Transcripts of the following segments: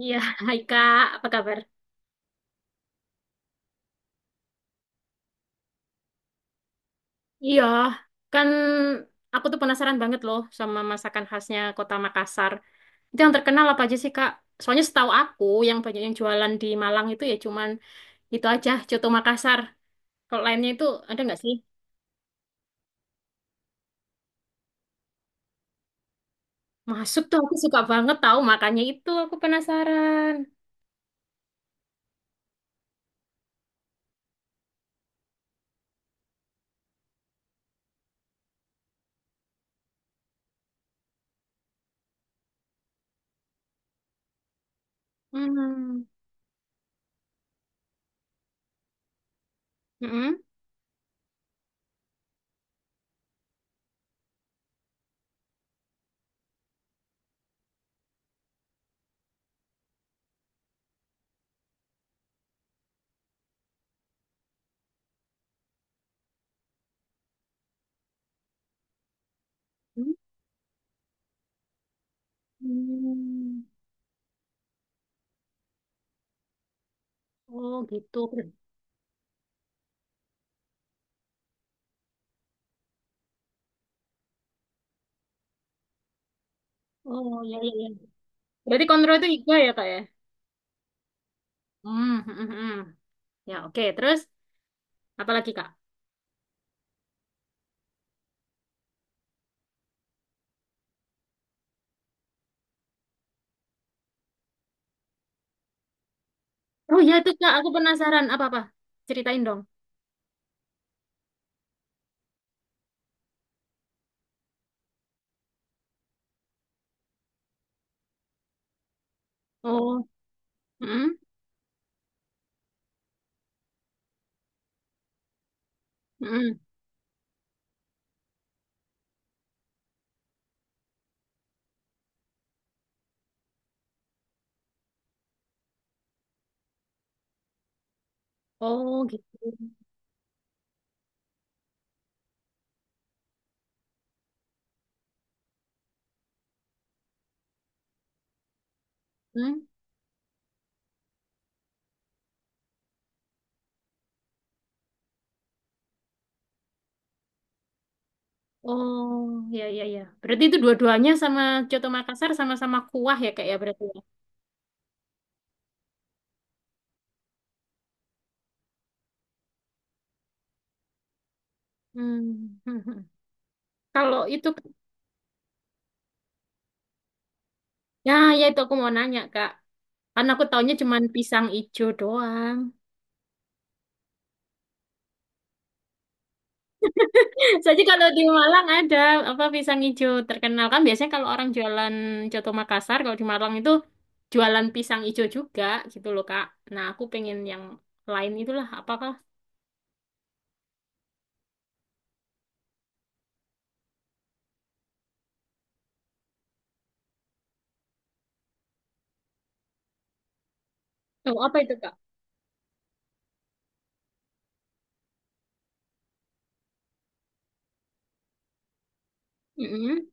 Iya, hai Kak, apa kabar? Iya, kan aku tuh penasaran banget loh sama masakan khasnya Kota Makassar. Itu yang terkenal apa aja sih, Kak? Soalnya setahu aku yang banyak yang jualan di Malang itu ya cuman itu aja, Coto Makassar. Kalau lainnya itu ada nggak sih? Masuk tuh aku suka banget tahu makanya itu aku penasaran. Hmm. Mm-mm. Hmm. Oh, gitu. Oh, iya iya iya. Berarti kontrol itu iga ya, Kak ya? Hmm, hmm, hmm, hmm. Ya, oke. Terus apalagi Kak? Oh ya itu Kak, aku penasaran apa-apa. Ceritain dong. Oh, mm, mm. Oh gitu. Mm. Oh ya ya ya. Berarti itu dua-duanya sama Coto Makassar sama-sama kuah ya Kak ya berarti ya. Hmm. Kalau itu, ya ya itu aku mau nanya Kak. Karena aku taunya cuman pisang ijo doang. Soalnya kalau di Malang ada apa pisang hijau terkenal kan biasanya kalau orang jualan coto Makassar kalau di Malang itu jualan pisang hijau juga gitu loh Kak. Nah aku pengen yang lain itulah apakah? Oh apa itu Kak? Mm-mm.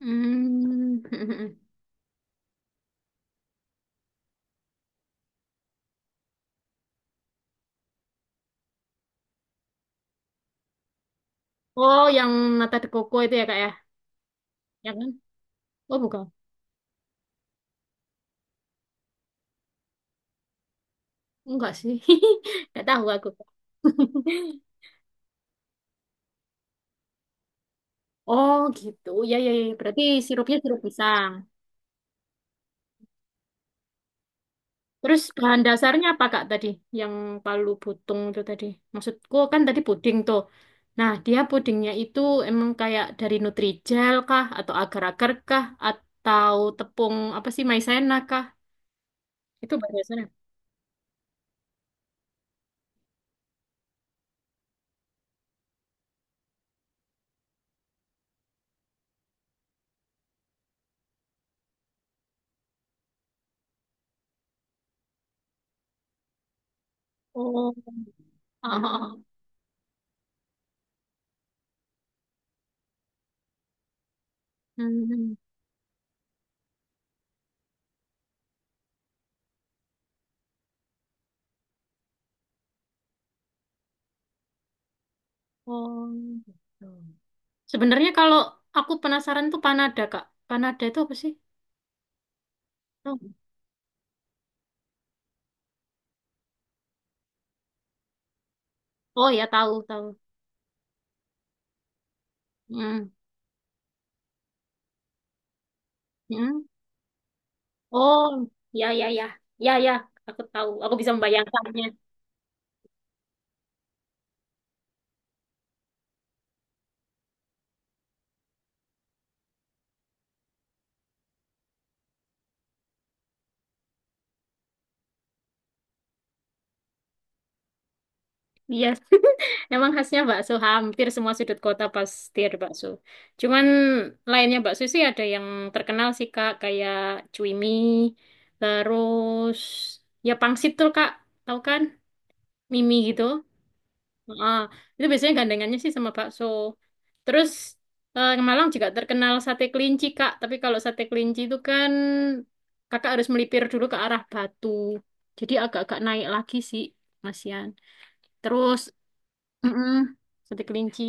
Mm. Oh yang nata de coco itu ya Kak ya? Ya kan? Oh bukan? Enggak sih. Enggak tahu aku. Oh gitu. Ya ya ya berarti sirupnya sirup pisang. Terus bahan dasarnya apa Kak tadi? Yang palu butung itu tadi. Maksudku kan tadi puding tuh. Nah, dia pudingnya itu emang kayak dari Nutrijel kah? Atau agar-agar kah? Atau tepung apa sih maizena kah? Itu bahan dasarnya. Oh. Oh. Oh, oh. Hmm. Oh, gitu. Sebenarnya kalau aku penasaran tuh panada Kak. Panada itu apa sih? Tahu? Oh ya tahu tahu. Hmm. Hmm. Oh, ya ya ya. Ya ya, aku tahu. Aku bisa membayangkannya. Iya, emang khasnya bakso hampir semua sudut kota pasti ada bakso. Cuman lainnya bakso sih ada yang terkenal sih Kak, kayak cuimi, terus ya pangsit tuh Kak, tahu kan? Mimi gitu. Ah itu biasanya gandengannya sih sama bakso. Terus Malang juga terkenal sate kelinci Kak, tapi kalau sate kelinci itu kan Kakak harus melipir dulu ke arah Batu. Jadi agak-agak naik lagi sih, Mas Yan. Terus. Mm-mm. Sate kelinci.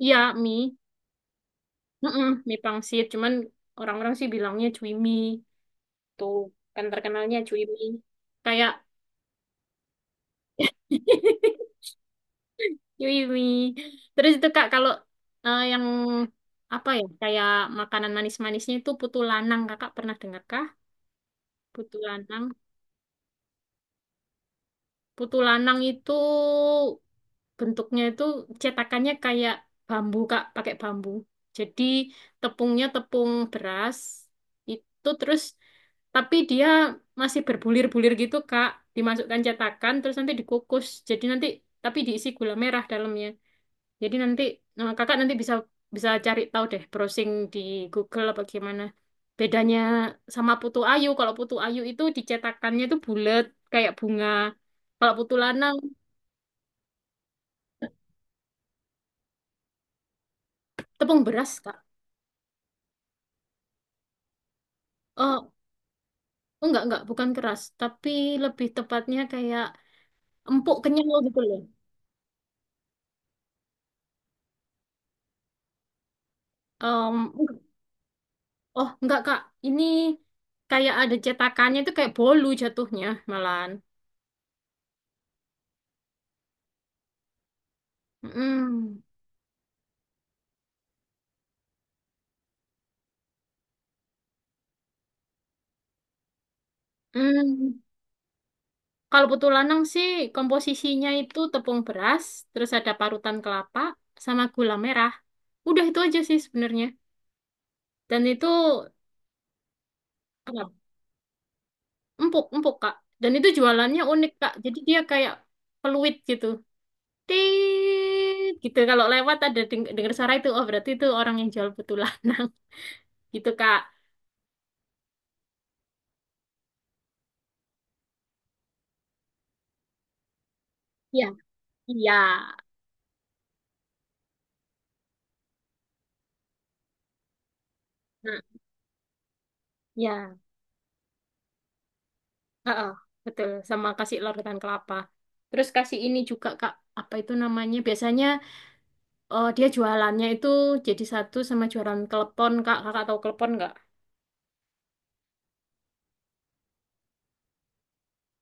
Iya, mie. Mm-mm. Mie pangsit. Cuman orang-orang sih bilangnya cui mie. Tuh, kan terkenalnya cui mie. Kayak cui mie. Terus itu Kak, kalau yang apa ya, kayak makanan manis-manisnya itu putu lanang. Kakak pernah dengar kah? Putu lanang. Putu lanang itu bentuknya itu cetakannya kayak bambu Kak, pakai bambu. Jadi tepungnya tepung beras itu terus tapi dia masih berbulir-bulir gitu Kak, dimasukkan cetakan terus nanti dikukus. Jadi nanti tapi diisi gula merah dalamnya. Jadi nanti Kakak nanti bisa bisa cari tahu deh browsing di Google apa gimana. Bedanya sama putu ayu, kalau putu ayu itu dicetakannya itu bulat kayak bunga. Kalau putu lanang tepung beras, Kak. Oh, oh, enggak, bukan keras, tapi lebih tepatnya kayak empuk kenyal gitu loh. Enggak. Oh, enggak, Kak. Ini kayak ada cetakannya itu kayak bolu jatuhnya malahan. Mm. Mm. Kalau putu lanang sih komposisinya itu tepung beras, terus ada parutan kelapa sama gula merah. Udah itu aja sih sebenarnya. Dan itu apa, empuk, empuk, Kak. Dan itu jualannya unik, Kak. Jadi dia kayak peluit gitu. Tit, gitu kalau lewat ada dengar suara itu oh berarti itu orang yang jual putu lanang gitu Kak. Iya. Iya. Nah, iya. Heeh, betul sama kasih lor ketan kelapa terus kasih ini juga Kak apa itu namanya biasanya dia jualannya itu jadi satu sama jualan klepon Kak. Kakak tahu klepon nggak?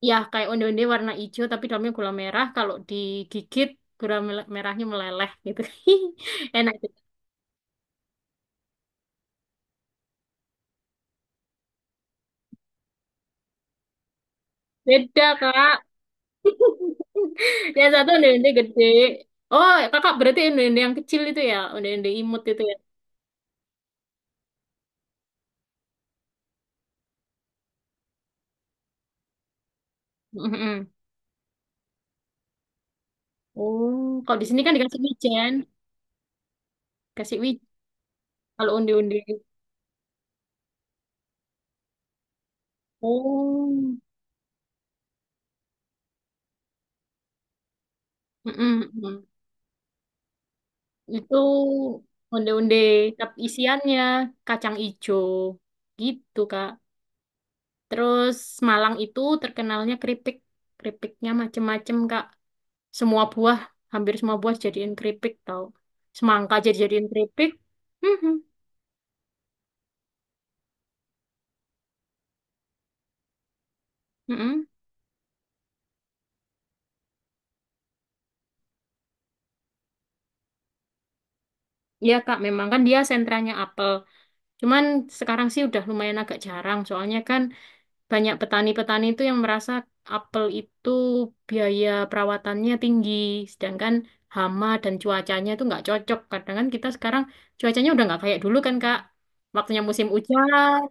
Ya kayak onde-onde warna hijau tapi dalamnya gula merah kalau digigit gula merahnya meleleh gitu enak juga. Beda Kak. Yang satu onde-onde gede. Oh, kakak berarti onde-onde yang kecil itu ya, onde-onde imut itu ya. Mm-mm. Oh, kalau di sini kan dikasih wijen, kasih wijen. Kalau onde-onde, oh, mm-mm, mm. Itu onde-onde tapi isiannya kacang ijo, gitu Kak. Terus Malang itu terkenalnya keripik, keripiknya macem-macem Kak. Semua buah, hampir semua buah jadiin keripik tau. Semangka jadi jadiin keripik. Mm-mm. Iya Kak, memang kan dia sentranya apel. Cuman sekarang sih udah lumayan agak jarang, soalnya kan banyak petani-petani itu yang merasa apel itu biaya perawatannya tinggi, sedangkan hama dan cuacanya itu nggak cocok. Kadang kan kita sekarang cuacanya udah nggak kayak dulu kan Kak, waktunya musim hujan.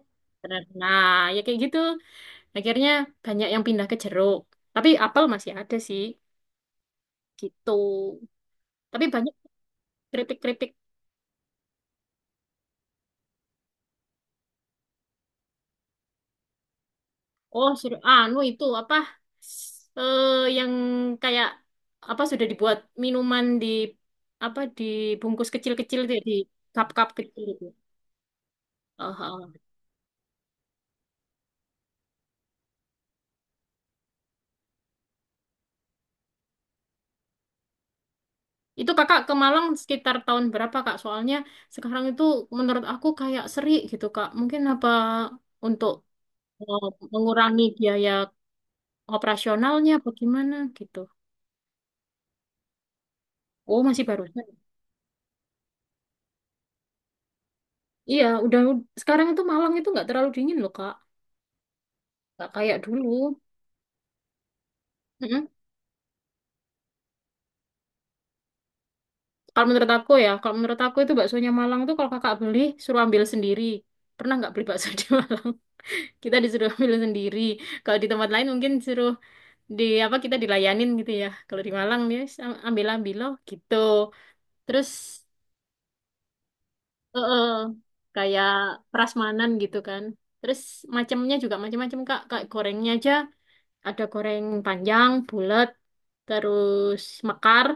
Nah, ya kayak gitu. Akhirnya banyak yang pindah ke jeruk. Tapi apel masih ada sih, gitu. Tapi banyak kritik-kritik. Oh, sudah anu itu apa eh yang kayak apa sudah dibuat minuman di apa dibungkus kecil-kecil itu ya, di cup-cup kecil itu. Oh, oh. Itu Kakak ke Malang sekitar tahun berapa Kak? Soalnya sekarang itu menurut aku kayak seri gitu Kak. Mungkin apa untuk eh, mengurangi biaya operasionalnya apa gimana gitu. Oh, masih barusan. Iya, udah sekarang itu Malang itu nggak terlalu dingin loh Kak. Nggak kayak dulu. Kalau menurut aku ya, kalau menurut aku itu baksonya Malang tuh kalau kakak beli suruh ambil sendiri. Pernah nggak beli bakso di Malang? Kita disuruh ambil sendiri. Kalau di tempat lain mungkin suruh di apa kita dilayanin gitu ya. Kalau di Malang ya ambil ambil loh gitu. Terus eh, eh, kayak prasmanan gitu kan. Terus macamnya juga macam-macam Kak. Kayak gorengnya aja ada goreng panjang, bulat, terus mekar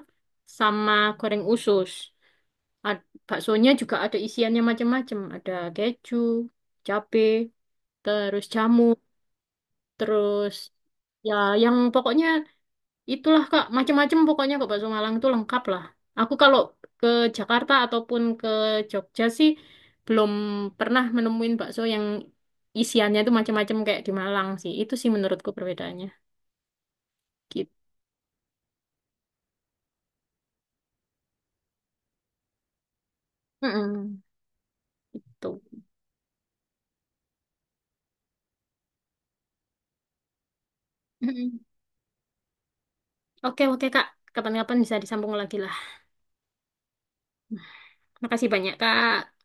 sama goreng usus. Baksonya juga ada isiannya macam-macam. Ada keju, cabe, terus jamur, terus ya yang pokoknya itulah Kak, macam-macam pokoknya kok bakso Malang itu lengkap lah. Aku kalau ke Jakarta ataupun ke Jogja sih belum pernah menemuin bakso yang isiannya itu macam-macam kayak di Malang sih. Itu sih menurutku perbedaannya. Gitu. Mm-mm. Gitu. Mm-mm. Oke, oke Kak. Kapan-kapan bisa disambung lagi lah. Makasih banyak, Kak.